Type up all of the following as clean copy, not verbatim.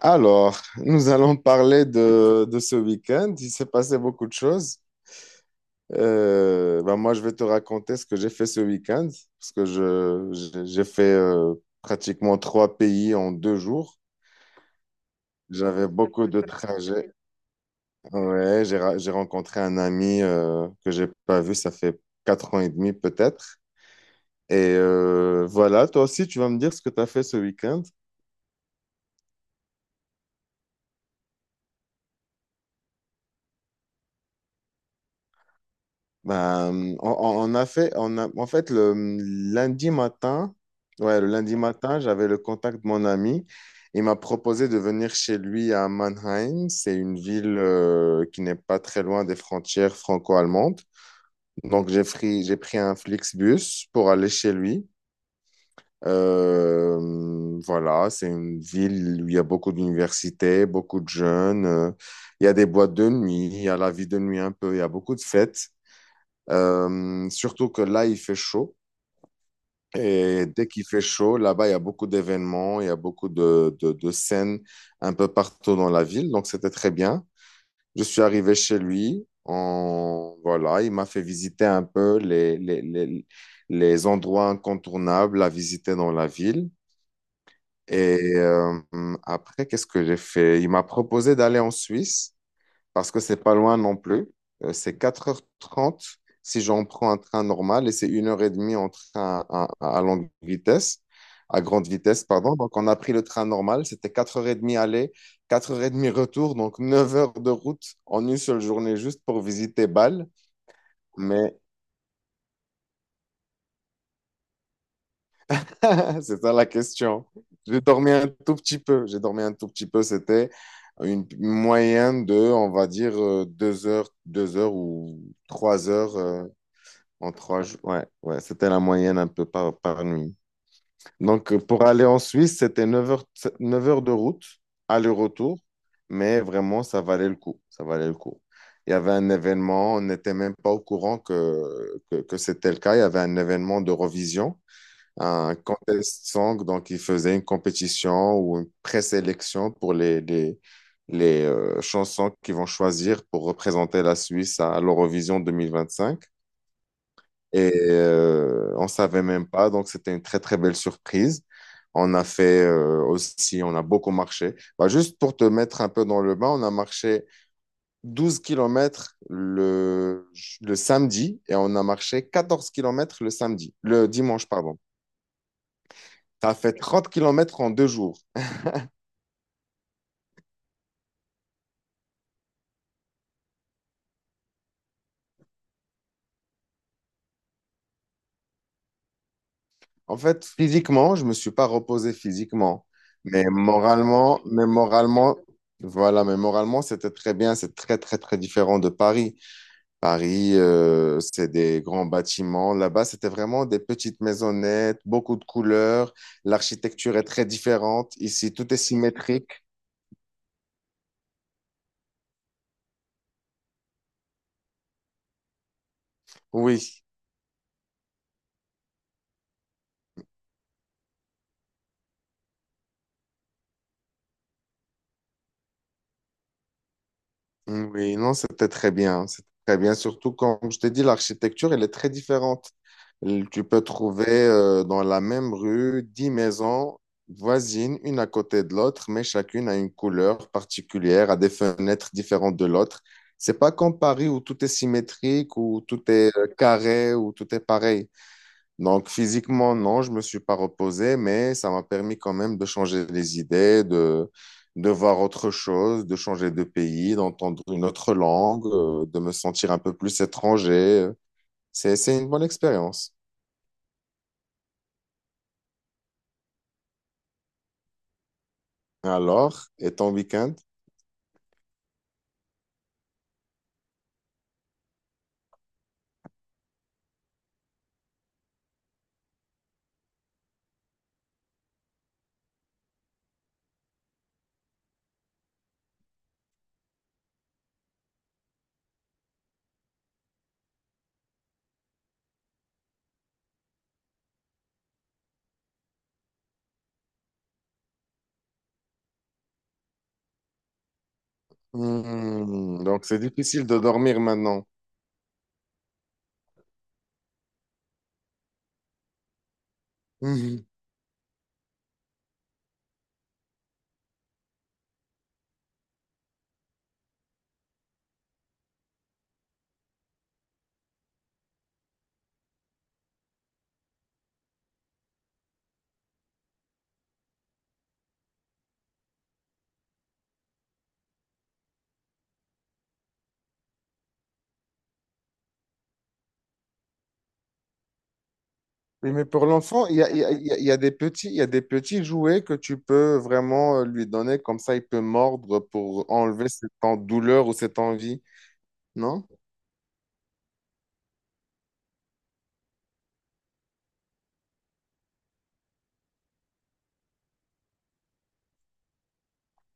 Alors, nous allons parler de ce week-end. Il s'est passé beaucoup de choses. Ben moi, je vais te raconter ce que j'ai fait ce week-end, parce que je, j'ai fait pratiquement trois pays en deux jours. J'avais beaucoup de trajets. Ouais, j'ai rencontré un ami que j'ai pas vu, ça fait 4 ans et demi peut-être. Et voilà, toi aussi, tu vas me dire ce que tu as fait ce week-end. Ben, on a fait, on a, en fait, le lundi matin, ouais, le lundi matin, j'avais le contact de mon ami. Il m'a proposé de venir chez lui à Mannheim. C'est une ville qui n'est pas très loin des frontières franco-allemandes. Donc, j'ai pris un Flixbus pour aller chez lui. Voilà, c'est une ville où il y a beaucoup d'universités, beaucoup de jeunes. Il y a des boîtes de nuit, il y a la vie de nuit un peu, il y a beaucoup de fêtes. Surtout que là, il fait chaud. Et dès qu'il fait chaud, là-bas, il y a beaucoup d'événements, il y a beaucoup de scènes un peu partout dans la ville. Donc, c'était très bien. Je suis arrivé chez lui. Voilà, il m'a fait visiter un peu les endroits incontournables à visiter dans la ville. Et après, qu'est-ce que j'ai fait? Il m'a proposé d'aller en Suisse parce que c'est pas loin non plus. C'est 4h30 si j'en prends un train normal et c'est 1h30 en train à longue vitesse, à grande vitesse, pardon. Donc, on a pris le train normal, c'était 4h30 aller, 4h30 retour, donc 9 heures de route en une seule journée juste pour visiter Bâle. Mais c'est ça la question. J'ai dormi un tout petit peu, j'ai dormi un tout petit peu, c'était une moyenne de, on va dire, 2 heures, 2 heures ou 3 heures. En 3 jours, ouais, ouais, c'était la moyenne un peu par nuit. Donc, pour aller en Suisse, c'était 9 heures, 9 heures de route, aller-retour, mais vraiment, ça valait le coup. Ça valait le coup. Il y avait un événement, on n'était même pas au courant que c'était le cas. Il y avait un événement d'Eurovision, un contest song, donc ils faisaient une compétition ou une présélection pour les chansons qu'ils vont choisir pour représenter la Suisse à l'Eurovision 2025. Et on savait même pas, donc c'était une très très belle surprise. On a fait aussi, on a beaucoup marché. Bah, juste pour te mettre un peu dans le bain, on a marché 12 kilomètres le samedi et on a marché 14 kilomètres le samedi, le dimanche, pardon. Ça a fait 30 kilomètres en deux jours. En fait, physiquement, je me suis pas reposé physiquement, mais moralement, voilà, mais moralement, c'était très bien, c'est très très très différent de Paris. Paris, c'est des grands bâtiments. Là-bas, c'était vraiment des petites maisonnettes, beaucoup de couleurs. L'architecture est très différente. Ici, tout est symétrique. Oui, oui, non, c'était très bien. C'était très bien. Surtout, comme je t'ai dit, l'architecture, elle est très différente. Tu peux trouver dans la même rue 10 maisons voisines, une à côté de l'autre, mais chacune a une couleur particulière, a des fenêtres différentes de l'autre. C'est pas comme Paris où tout est symétrique, où tout est carré, où tout est pareil. Donc, physiquement, non, je me suis pas reposé, mais ça m'a permis quand même de changer les idées, de voir autre chose, de changer de pays, d'entendre une autre langue, de me sentir un peu plus étranger. C'est une bonne expérience. Alors, et ton week-end? Donc, c'est difficile de dormir maintenant. Mhm. Oui, mais pour l'enfant, il y a des petits jouets que tu peux vraiment lui donner, comme ça il peut mordre pour enlever cette douleur ou cette envie, non?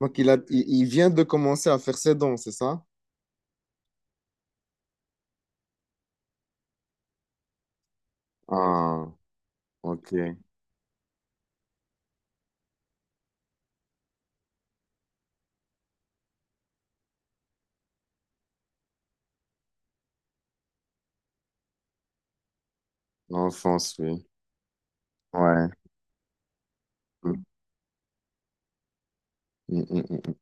Donc, il vient de commencer à faire ses dons, c'est ça? Ah, ok. L'enfance, oui. Ouais. Mm, mm, mm, mm.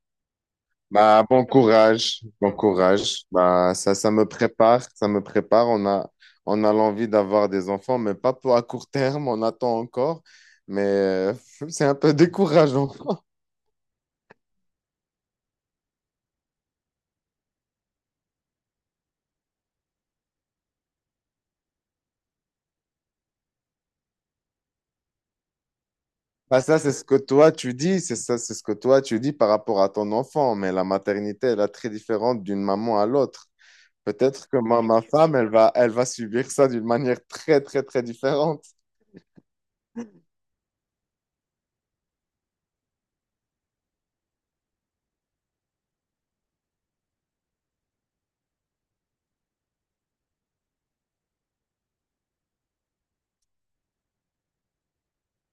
Bah, bon courage. Bon courage. Bah, ça me prépare. Ça me prépare. On a l'envie d'avoir des enfants, mais pas pour à court terme. On attend encore. Mais c'est un peu décourageant. Bah, ça, c'est ce que toi, tu dis. C'est ça, c'est ce que toi, tu dis par rapport à ton enfant. Mais la maternité, elle est très différente d'une maman à l'autre. Peut-être que ma femme, elle va subir ça d'une manière très, très, très différente.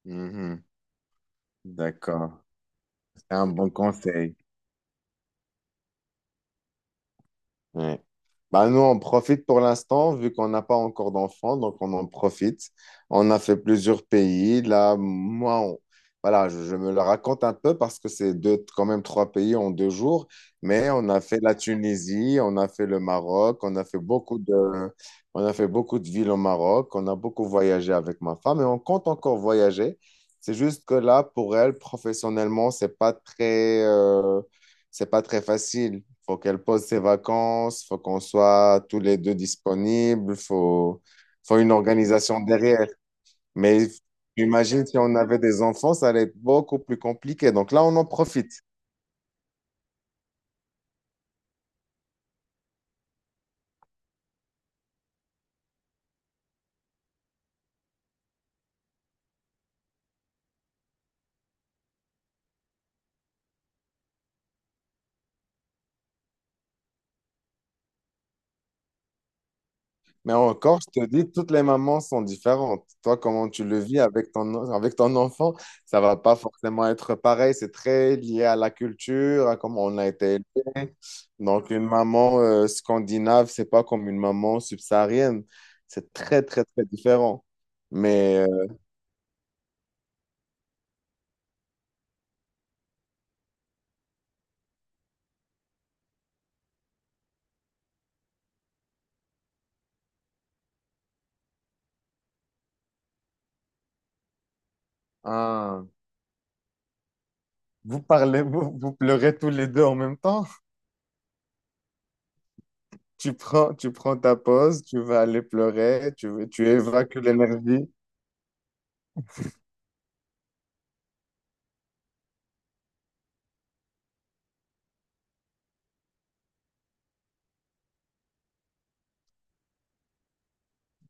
Mhm. D'accord. C'est un bon conseil. Ouais. Bah nous, on profite pour l'instant, vu qu'on n'a pas encore d'enfants, donc on en profite. On a fait plusieurs pays. Là, moi, voilà, je me le raconte un peu parce que c'est deux, quand même trois pays en deux jours. Mais on a fait la Tunisie, on a fait le Maroc, on a fait beaucoup de villes au Maroc, on a beaucoup voyagé avec ma femme et on compte encore voyager. C'est juste que là, pour elle, professionnellement, c'est pas très facile. Faut qu'elle pose ses vacances, faut qu'on soit tous les deux disponibles, faut une organisation derrière. Mais imagine si on avait des enfants, ça allait être beaucoup plus compliqué. Donc là, on en profite. Mais encore, je te dis, toutes les mamans sont différentes. Toi, comment tu le vis avec avec ton enfant, ça va pas forcément être pareil. C'est très lié à la culture, à comment on a été élevé. Donc, une maman scandinave, c'est pas comme une maman subsaharienne. C'est très, très, très différent. Mais ah, vous parlez, vous pleurez tous les deux en même temps. Tu prends ta pause, tu vas aller pleurer, tu évacues l'énergie.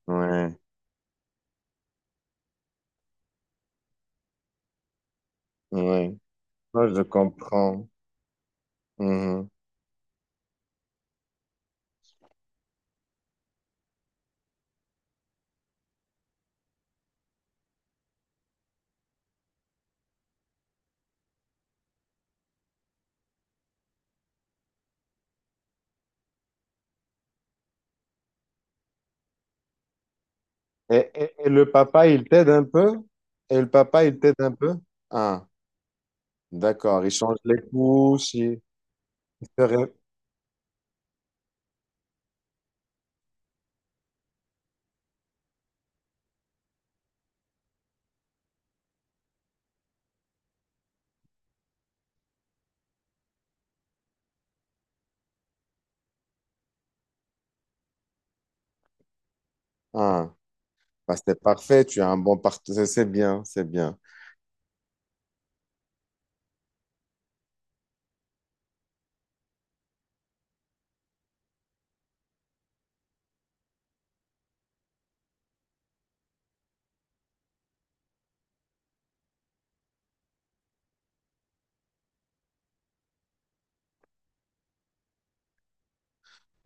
Ouais, ouais. Moi, je comprends. Mhm. Et le papa, il t'aide un peu? Et le papa, il t'aide un peu? Ah, d'accord, il change les couches. Il- C'est vrai. Ah, bah c'est parfait, tu as un bon partenaire, c'est bien, c'est bien.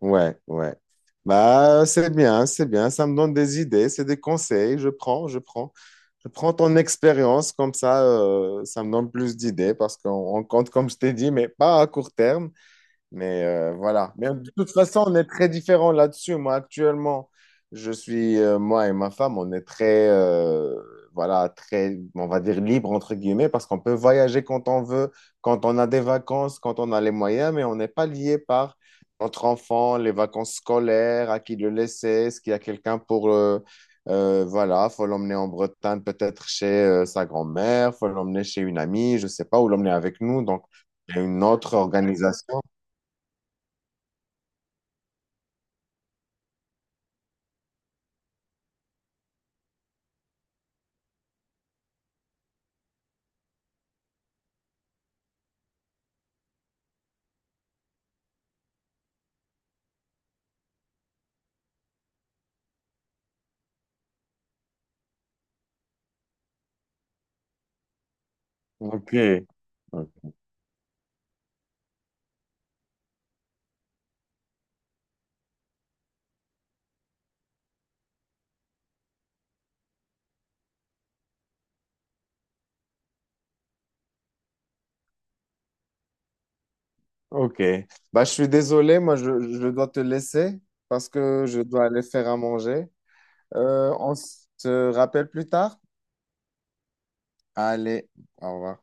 Ouais, ouais. Bah, c'est bien, ça me donne des idées, c'est des conseils, je prends. Je prends ton expérience, comme ça, ça me donne plus d'idées parce qu'on on compte, comme je t'ai dit, mais pas à court terme. Mais voilà. Mais de toute façon, on est très différents là-dessus. Moi, actuellement, moi et ma femme, on est très, voilà, très, on va dire libre, entre guillemets, parce qu'on peut voyager quand on veut, quand on a des vacances, quand on a les moyens, mais on n'est pas lié par notre enfant, les vacances scolaires, à qui le laisser, est-ce qu'il y a quelqu'un pour, voilà, faut l'emmener en Bretagne, peut-être chez sa grand-mère, faut l'emmener chez une amie, je sais pas, ou l'emmener avec nous. Donc, il y a une autre organisation. Ok. Ok. Bah, je suis désolé, moi, je dois te laisser parce que je dois aller faire à manger. On se rappelle plus tard? Allez, au revoir.